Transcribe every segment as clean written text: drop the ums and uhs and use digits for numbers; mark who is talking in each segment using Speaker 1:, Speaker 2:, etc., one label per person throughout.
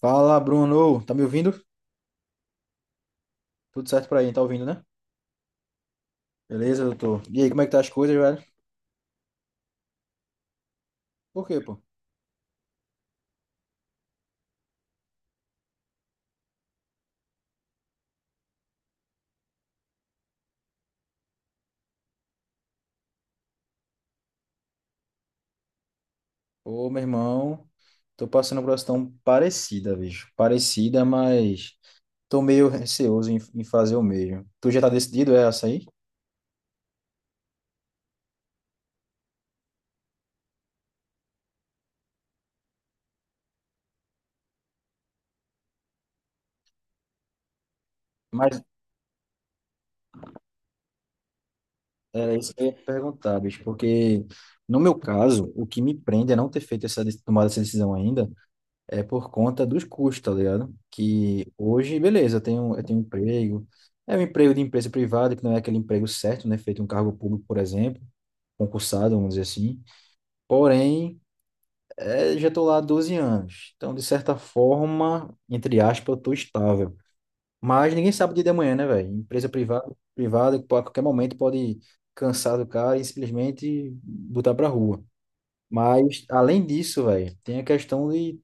Speaker 1: Fala, Bruno. Tá me ouvindo? Tudo certo por aí, tá ouvindo, né? Beleza, doutor? E aí, como é que tá as coisas, velho? Por quê, pô? Ô, meu irmão, tô passando por uma situação parecida, bicho. Parecida, mas tô meio receoso em fazer o mesmo. Tu já tá decidido, é essa aí? Mas era isso que eu ia te perguntar, bicho, porque no meu caso, o que me prende é não ter feito tomado essa decisão ainda. É por conta dos custos, tá ligado? Que hoje, beleza, eu tenho um emprego, é um emprego de empresa privada, que não é aquele emprego certo, né? Feito em um cargo público, por exemplo, concursado, vamos dizer assim. Porém, já estou lá há 12 anos. Então, de certa forma, entre aspas, eu estou estável. Mas ninguém sabe o dia de amanhã, né, velho? Empresa privada, que pô, a qualquer momento pode cansar do cara e simplesmente botar pra rua. Mas, além disso, velho, tem a questão de.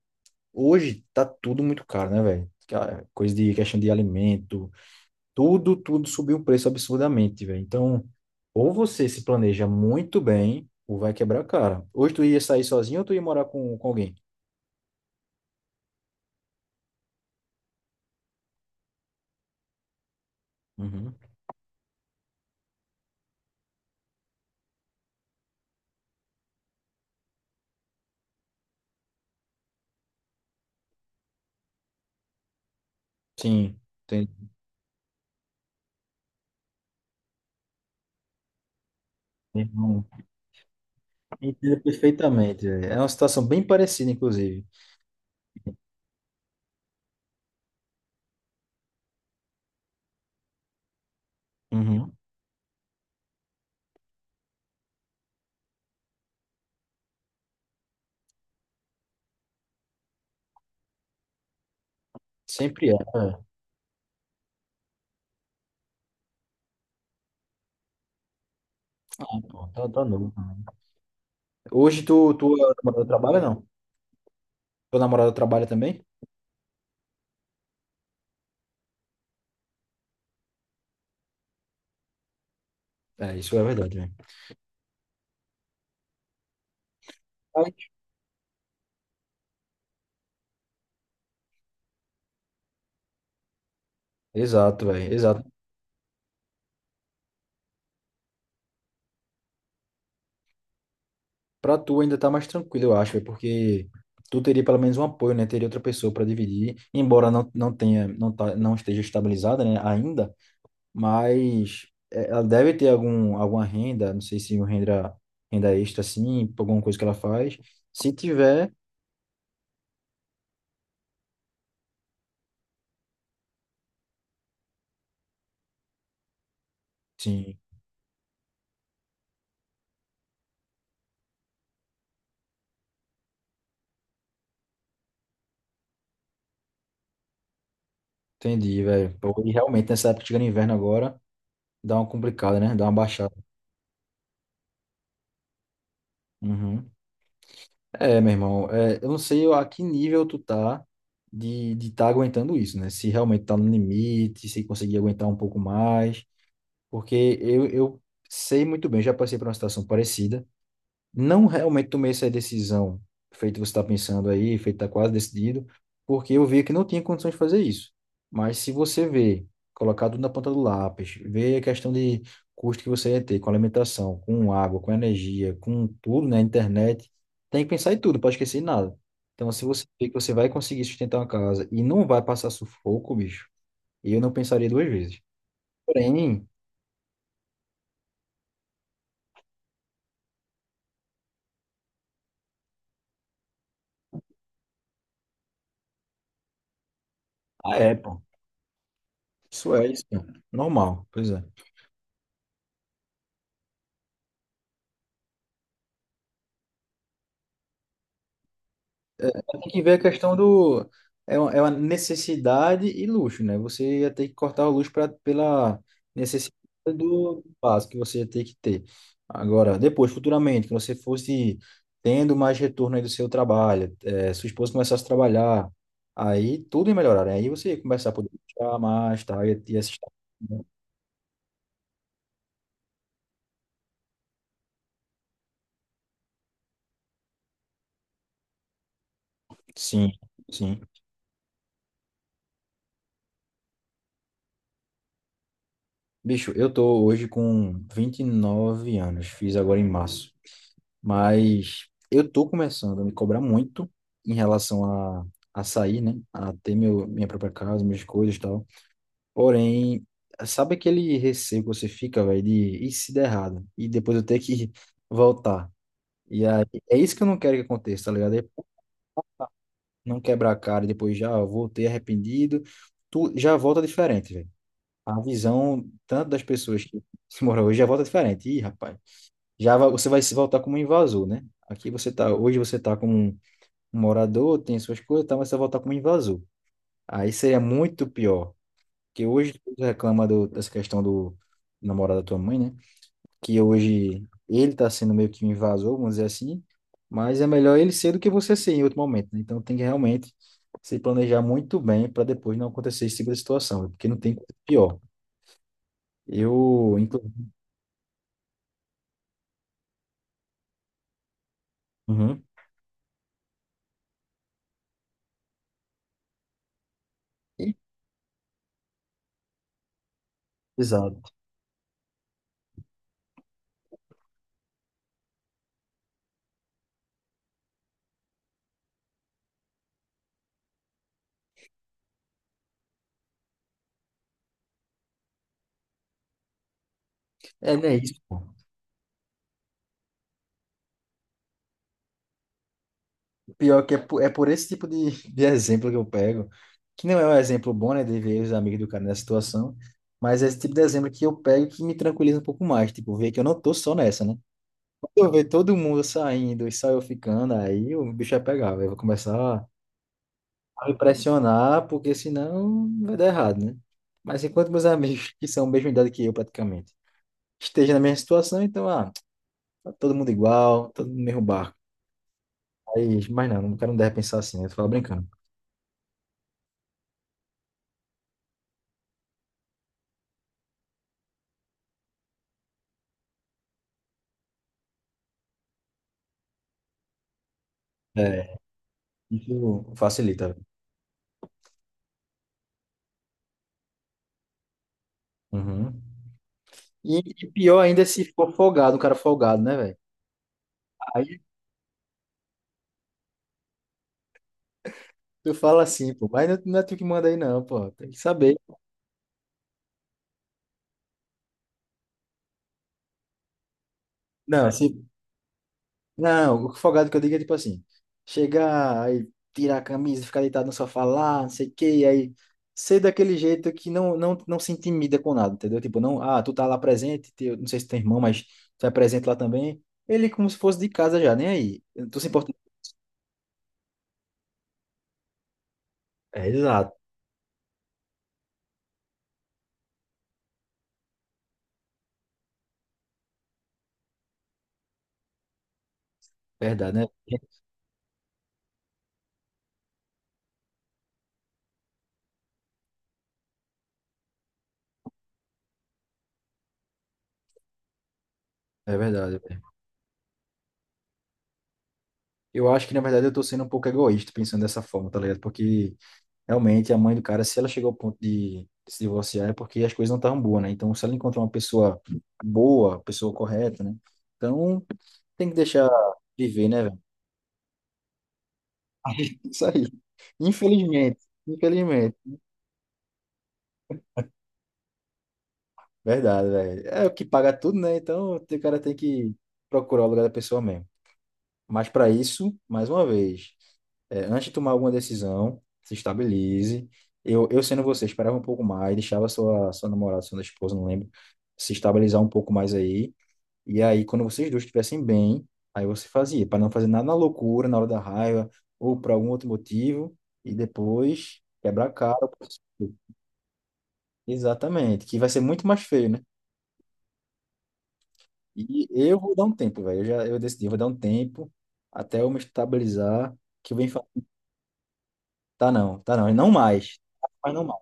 Speaker 1: Hoje tá tudo muito caro, né, velho? Coisa de questão de alimento, tudo subiu o preço absurdamente, velho. Então, ou você se planeja muito bem, ou vai quebrar a cara. Hoje tu ia sair sozinho ou tu ia morar com alguém? Uhum. Sim, entendi. Irmão, entendo perfeitamente, velho. É uma situação bem parecida, inclusive. Uhum. Sempre é. É. Ah, pô, tá, tá novo. Né? Hoje tu, tua namorada trabalha, não? Tua namorada trabalha também? É, isso é verdade, velho. Exato, velho. Exato. Pra tu ainda tá mais tranquilo, eu acho, véi, porque tu teria pelo menos um apoio, né? Teria outra pessoa para dividir, embora não tenha, não esteja estabilizada, né, ainda, mas é, ela deve ter algum, alguma renda, não sei se uma renda, renda extra, assim, por alguma coisa que ela faz. Se tiver, sim, entendi, velho. E realmente nessa época chegando inverno agora, dá uma complicada, né? Dá uma baixada. Uhum. É, meu irmão, é, eu não sei a que nível tu tá de tá aguentando isso, né? Se realmente tá no limite, se conseguir aguentar um pouco mais, porque eu sei muito bem, já passei por uma situação parecida, não realmente tomei essa decisão, feito você está pensando aí, feito está quase decidido, porque eu vi que não tinha condições de fazer isso. Mas se você vê, colocar tudo na ponta do lápis, ver a questão de custo que você ia ter com alimentação, com água, com energia, com tudo, né, internet, tem que pensar em tudo, não pode esquecer em nada. Então, se você vê que você vai conseguir sustentar uma casa e não vai passar sufoco, bicho, eu não pensaria duas vezes. Porém, ah, é, pô. Isso é isso, pô. Normal, pois é. Tem que ver a questão do. É uma necessidade e luxo, né? Você ia ter que cortar o luxo pela necessidade do básico que você ia ter que ter. Agora, depois, futuramente, que você fosse tendo mais retorno aí do seu trabalho, eh, sua esposa começasse a trabalhar, aí tudo ia melhorar, né? Aí você ia começar a poder gastar mais, tá? Ia se estar-. Né? Sim, sim. Bicho, eu tô hoje com 29 anos, fiz agora em março. Mas eu tô começando a me cobrar muito em relação a sair, né? A ter minha própria casa, minhas coisas e tal. Porém, sabe aquele receio que você fica, velho, de e se der errado? E depois eu ter que voltar. E aí, é isso que eu não quero que aconteça, tá ligado? É não quebrar a cara e depois já voltei arrependido. Tu já volta diferente, velho. A visão tanto das pessoas que se moram hoje já volta diferente. Ih, rapaz, você vai se voltar como um invasor, né? Aqui você tá, hoje você tá como um um morador, tem suas coisas, e tal, mas você voltar como invasor. Aí seria muito pior, porque hoje tu reclama dessa questão do namorado da tua mãe, né? Que hoje ele tá sendo meio que um invasor, vamos dizer assim, mas é melhor ele ser do que você ser em outro momento, né? Então tem que realmente se planejar muito bem para depois não acontecer esse tipo de situação, porque não tem coisa pior. Eu, inclusive. Uhum. E-. Exato. É, né, isso. Pior que é é por esse tipo de exemplo que eu pego, que não é um exemplo bom, né, de ver os amigos do cara nessa situação, mas é esse tipo de exemplo que eu pego que me tranquiliza um pouco mais, tipo, ver que eu não tô só nessa, né? Quando eu ver todo mundo saindo e só eu ficando, aí o bicho vai pegar, eu vou começar a me pressionar, porque senão vai dar errado, né? Mas enquanto meus amigos, que são a mesma idade que eu praticamente, estejam na mesma situação, então, ah, tá todo mundo igual, todo mundo no mesmo barco. Aí, mas não, o cara não deve pensar assim, né? Eu tô falando brincando. É, isso facilita. Uhum. E pior ainda se for folgado, um cara folgado, né, velho? Aí tu fala assim, pô, mas não é tu que manda aí, não, pô. Tem que saber. Não, se, não, o folgado que eu digo é tipo assim: chegar, aí tirar a camisa, ficar deitado no sofá lá, não sei o quê, e aí ser daquele jeito que não se intimida com nada, entendeu? Tipo, não, ah, tu tá lá presente, não sei se tem irmão, mas tu é presente lá também. Ele é como se fosse de casa já, nem aí. Tu se importa. É, exato, verdade, né? É verdade. Eu acho que, na verdade, eu tô sendo um pouco egoísta pensando dessa forma, tá ligado? Porque, realmente, a mãe do cara, se ela chegou ao ponto de se divorciar, é porque as coisas não estavam boas, né? Então, se ela encontrar uma pessoa boa, pessoa correta, né? Então, tem que deixar viver, né, velho? Isso aí. Infelizmente, infelizmente. Verdade, velho. É o que paga tudo, né? Então, o cara tem que procurar o lugar da pessoa mesmo. Mas, para isso, mais uma vez. É, antes de tomar alguma decisão, se estabilize. Eu sendo você, esperava um pouco mais, deixava sua namorada, sua esposa, não lembro, se estabilizar um pouco mais aí. E aí, quando vocês dois estivessem bem, aí você fazia, para não fazer nada na loucura, na hora da raiva, ou por algum outro motivo, e depois quebrar a cara. Exatamente, que vai ser muito mais feio, né? E eu vou dar um tempo, velho. Eu já eu decidi, eu vou dar um tempo até eu me estabilizar, que eu venho falar, tá não, tá não, e não mais, mas não mais.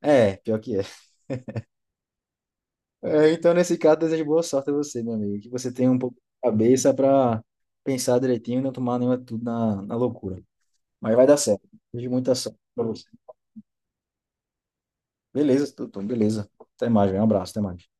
Speaker 1: É, pior que é. É, então, nesse caso, desejo boa sorte a você, meu amigo. Que você tenha um pouco de cabeça para pensar direitinho e não tomar nenhuma tudo na loucura. Mas vai dar certo. Desejo muita sorte para você. Beleza, Tutum, beleza. Até mais, velho. Um abraço, até mais.